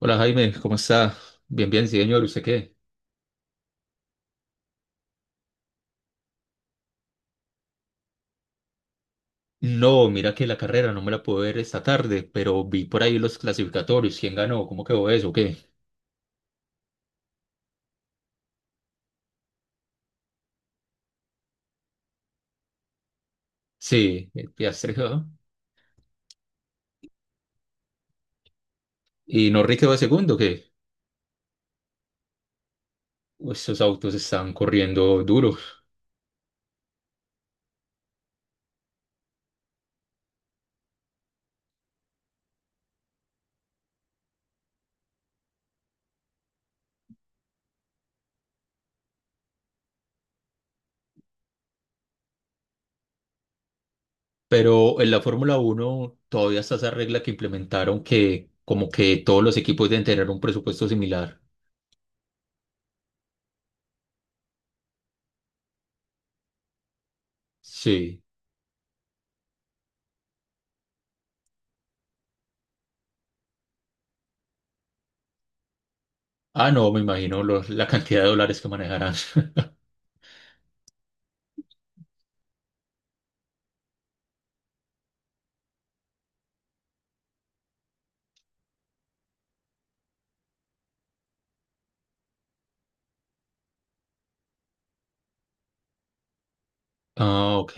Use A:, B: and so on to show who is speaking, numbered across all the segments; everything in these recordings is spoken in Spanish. A: Hola Jaime, ¿cómo está? Bien, bien, sí, señor, ¿usted qué? No, mira que la carrera no me la pude ver esta tarde, pero vi por ahí los clasificatorios, quién ganó, cómo quedó eso, ¿qué? Sí, el Piastre quedó. Y Norris quedó de segundo, ¿qué? Pues esos autos están corriendo duros. Pero en la Fórmula Uno todavía está esa regla que implementaron que como que todos los equipos deben tener un presupuesto similar. Sí. Ah, no, me imagino la cantidad de dólares que manejarán. Ah, ok.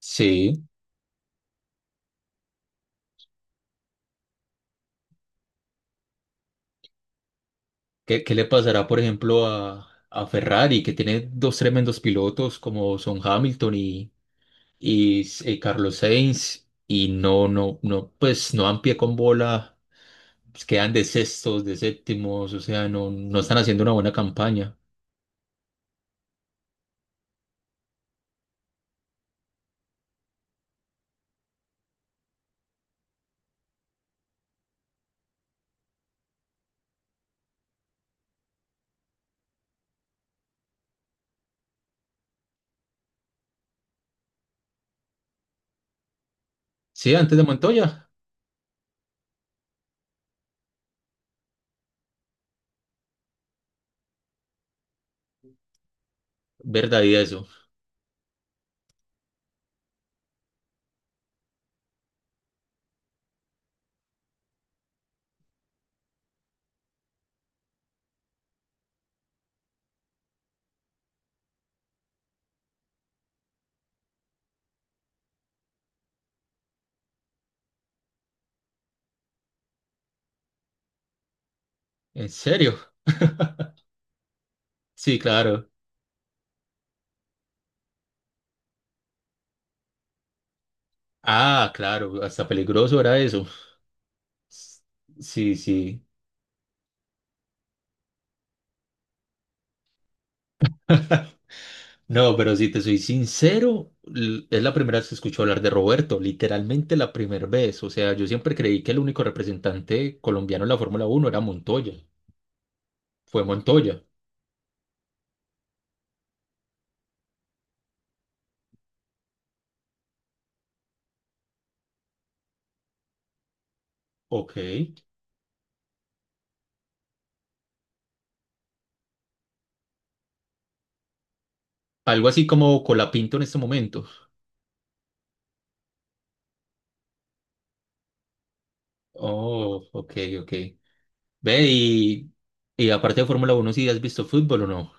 A: Sí. ¿Qué, qué le pasará, por ejemplo, a Ferrari, que tiene dos tremendos pilotos como son Hamilton y, Carlos Sainz, y no, no, no, pues no dan pie con bola, pues, quedan de sextos, de séptimos, o sea, no, no están haciendo una buena campaña. Sí, antes de Montoya, verdad y eso. ¿En serio? Sí, claro. Ah, claro, hasta peligroso era eso. S- Sí, sí. No, pero si te soy sincero, es la primera vez que escucho hablar de Roberto, literalmente la primera vez. O sea, yo siempre creí que el único representante colombiano en la Fórmula Uno era Montoya. Fue Montoya. Ok. Algo así como Colapinto en este momento. Oh, ok, ok. Ve, y aparte de Fórmula Uno, ¿si has visto fútbol o no?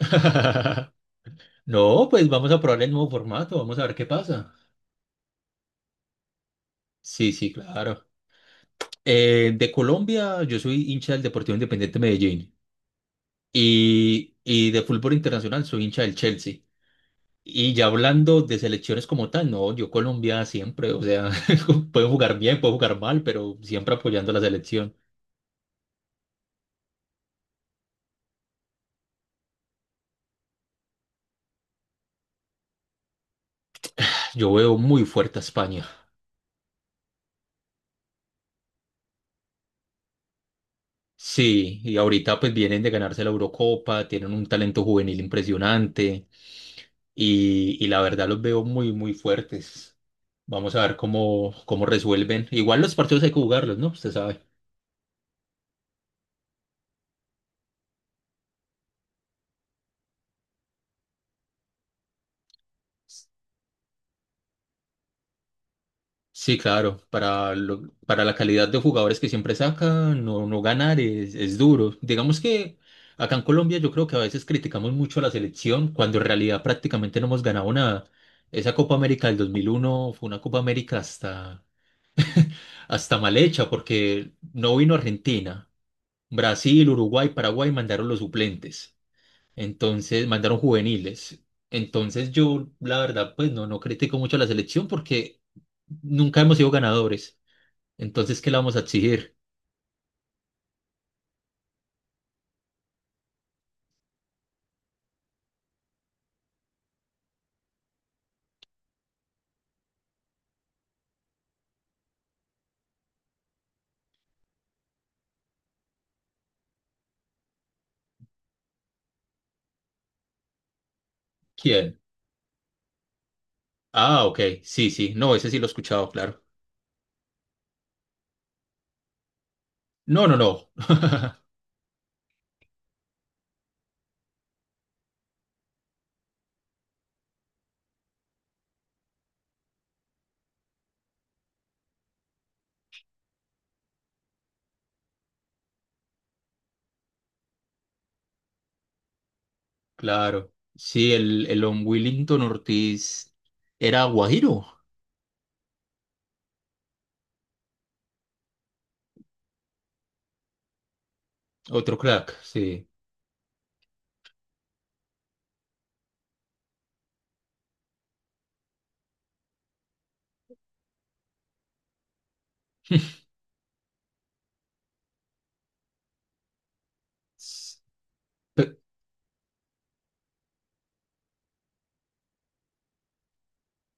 A: No, pues vamos a probar el nuevo formato, vamos a ver qué pasa. Sí, sí, claro. De Colombia, yo soy hincha del Deportivo Independiente Medellín. Y, y de fútbol internacional soy hincha del Chelsea. Y ya hablando de selecciones como tal, no, yo Colombia siempre, o sea, puedo jugar bien, puedo jugar mal, pero siempre apoyando a la selección. Yo veo muy fuerte a España. Sí, y ahorita pues vienen de ganarse la Eurocopa, tienen un talento juvenil impresionante y la verdad los veo muy, muy fuertes. Vamos a ver cómo, cómo resuelven. Igual los partidos hay que jugarlos, ¿no? Usted sabe. Sí, claro, para, para la calidad de jugadores que siempre saca, no, no ganar es duro. Digamos que acá en Colombia yo creo que a veces criticamos mucho a la selección cuando en realidad prácticamente no hemos ganado nada. Esa Copa América del 2001 fue una Copa América hasta, hasta mal hecha porque no vino Argentina. Brasil, Uruguay, Paraguay mandaron los suplentes, entonces mandaron juveniles. Entonces yo, la verdad, pues no, no critico mucho a la selección porque nunca hemos sido ganadores. Entonces, ¿qué le vamos a exigir? ¿Quién? Ah, ok. Sí, sí. No, ese sí lo he escuchado, claro. No, no, no. Claro. Sí, el Don Willington Ortiz era guajiro. Otro crack, sí. S- pe-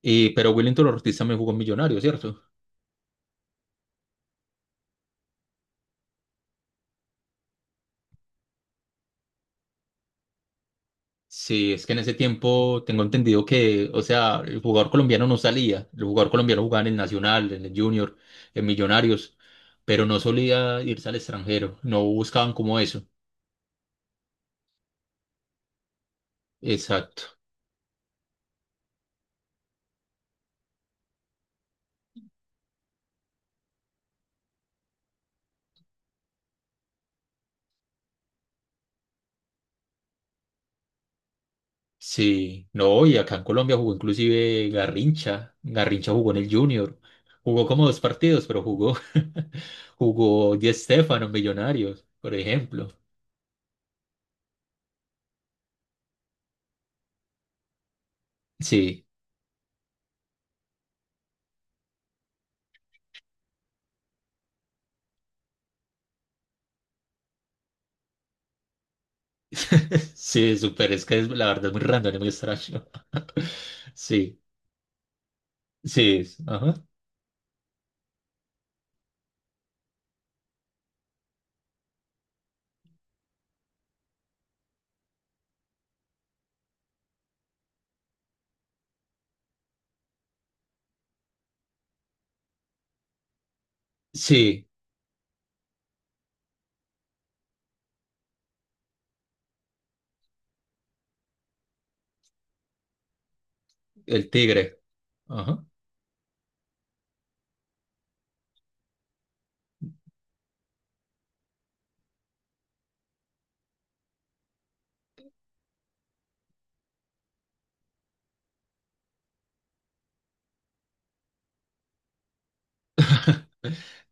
A: y, pero Willington Ortiz también jugó en Millonario, ¿cierto? Sí, es que en ese tiempo tengo entendido que, o sea, el jugador colombiano no salía. El jugador colombiano jugaba en el Nacional, en el Junior, en Millonarios, pero no solía irse al extranjero. No buscaban como eso. Exacto. Sí, no, y acá en Colombia jugó inclusive Garrincha. Garrincha jugó en el Junior. Jugó como dos partidos, pero jugó. Jugó Di Stéfano en Millonarios, por ejemplo. Sí, sí, súper. Es que es, la verdad es muy random, es muy extraño. Sí, sí, ajá. Sí, el Tigre. Ajá.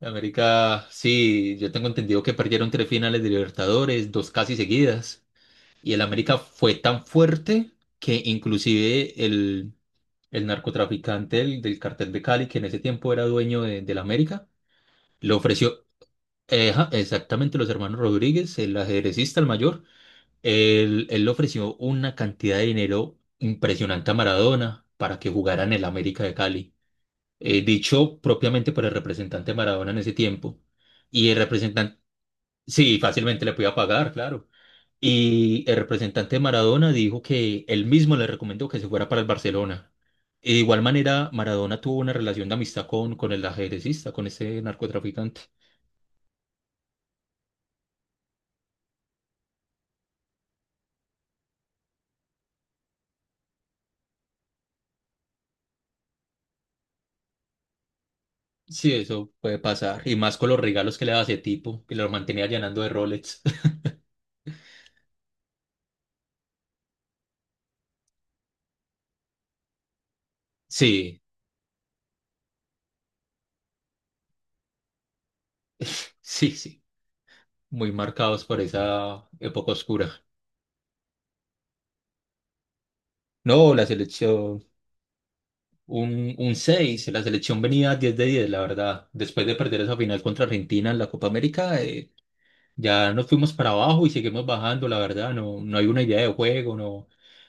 A: América, sí, yo tengo entendido que perdieron tres finales de Libertadores, dos casi seguidas. Y el América fue tan fuerte que inclusive el narcotraficante del, del cartel de Cali, que en ese tiempo era dueño de, del América, le ofreció, ja, exactamente los hermanos Rodríguez, el ajedrecista, el mayor, él le ofreció una cantidad de dinero impresionante a Maradona para que jugara en el América de Cali. Dicho propiamente por el representante de Maradona en ese tiempo. Y el representante, sí, fácilmente le podía pagar, claro. Y el representante de Maradona dijo que él mismo le recomendó que se fuera para el Barcelona. Y de igual manera, Maradona tuvo una relación de amistad con el ajedrecista, con ese narcotraficante. Sí, eso puede pasar. Y más con los regalos que le daba ese tipo, que lo mantenía llenando de Rolex. Sí, sí, sí. Muy marcados por esa época oscura. No, la selección, un 6. La selección venía 10 de 10, la verdad. Después de perder esa final contra Argentina en la Copa América, ya nos fuimos para abajo y seguimos bajando, la verdad, no, no hay una idea de juego, no.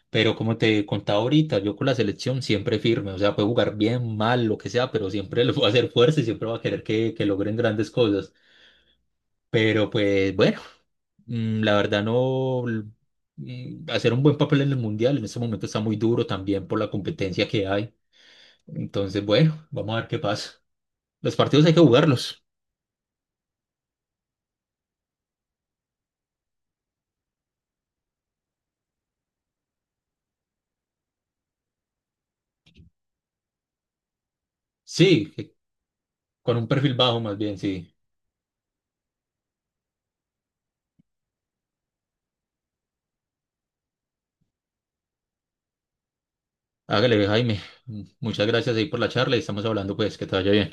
A: Pero como te contaba ahorita, yo con la selección siempre firme, o sea, puede jugar bien, mal, lo que sea, pero siempre le voy a hacer fuerza y siempre va a querer que logren grandes cosas. Pero pues bueno, mm, la verdad no, l- mm, hacer un buen papel en el Mundial en este momento está muy duro también por la competencia que hay. Entonces, bueno, vamos a ver qué pasa. Los partidos hay que jugarlos. Sí, con un perfil bajo más bien, sí. Hágale, Jaime. Muchas gracias ahí por la charla y estamos hablando, pues, que te vaya bien.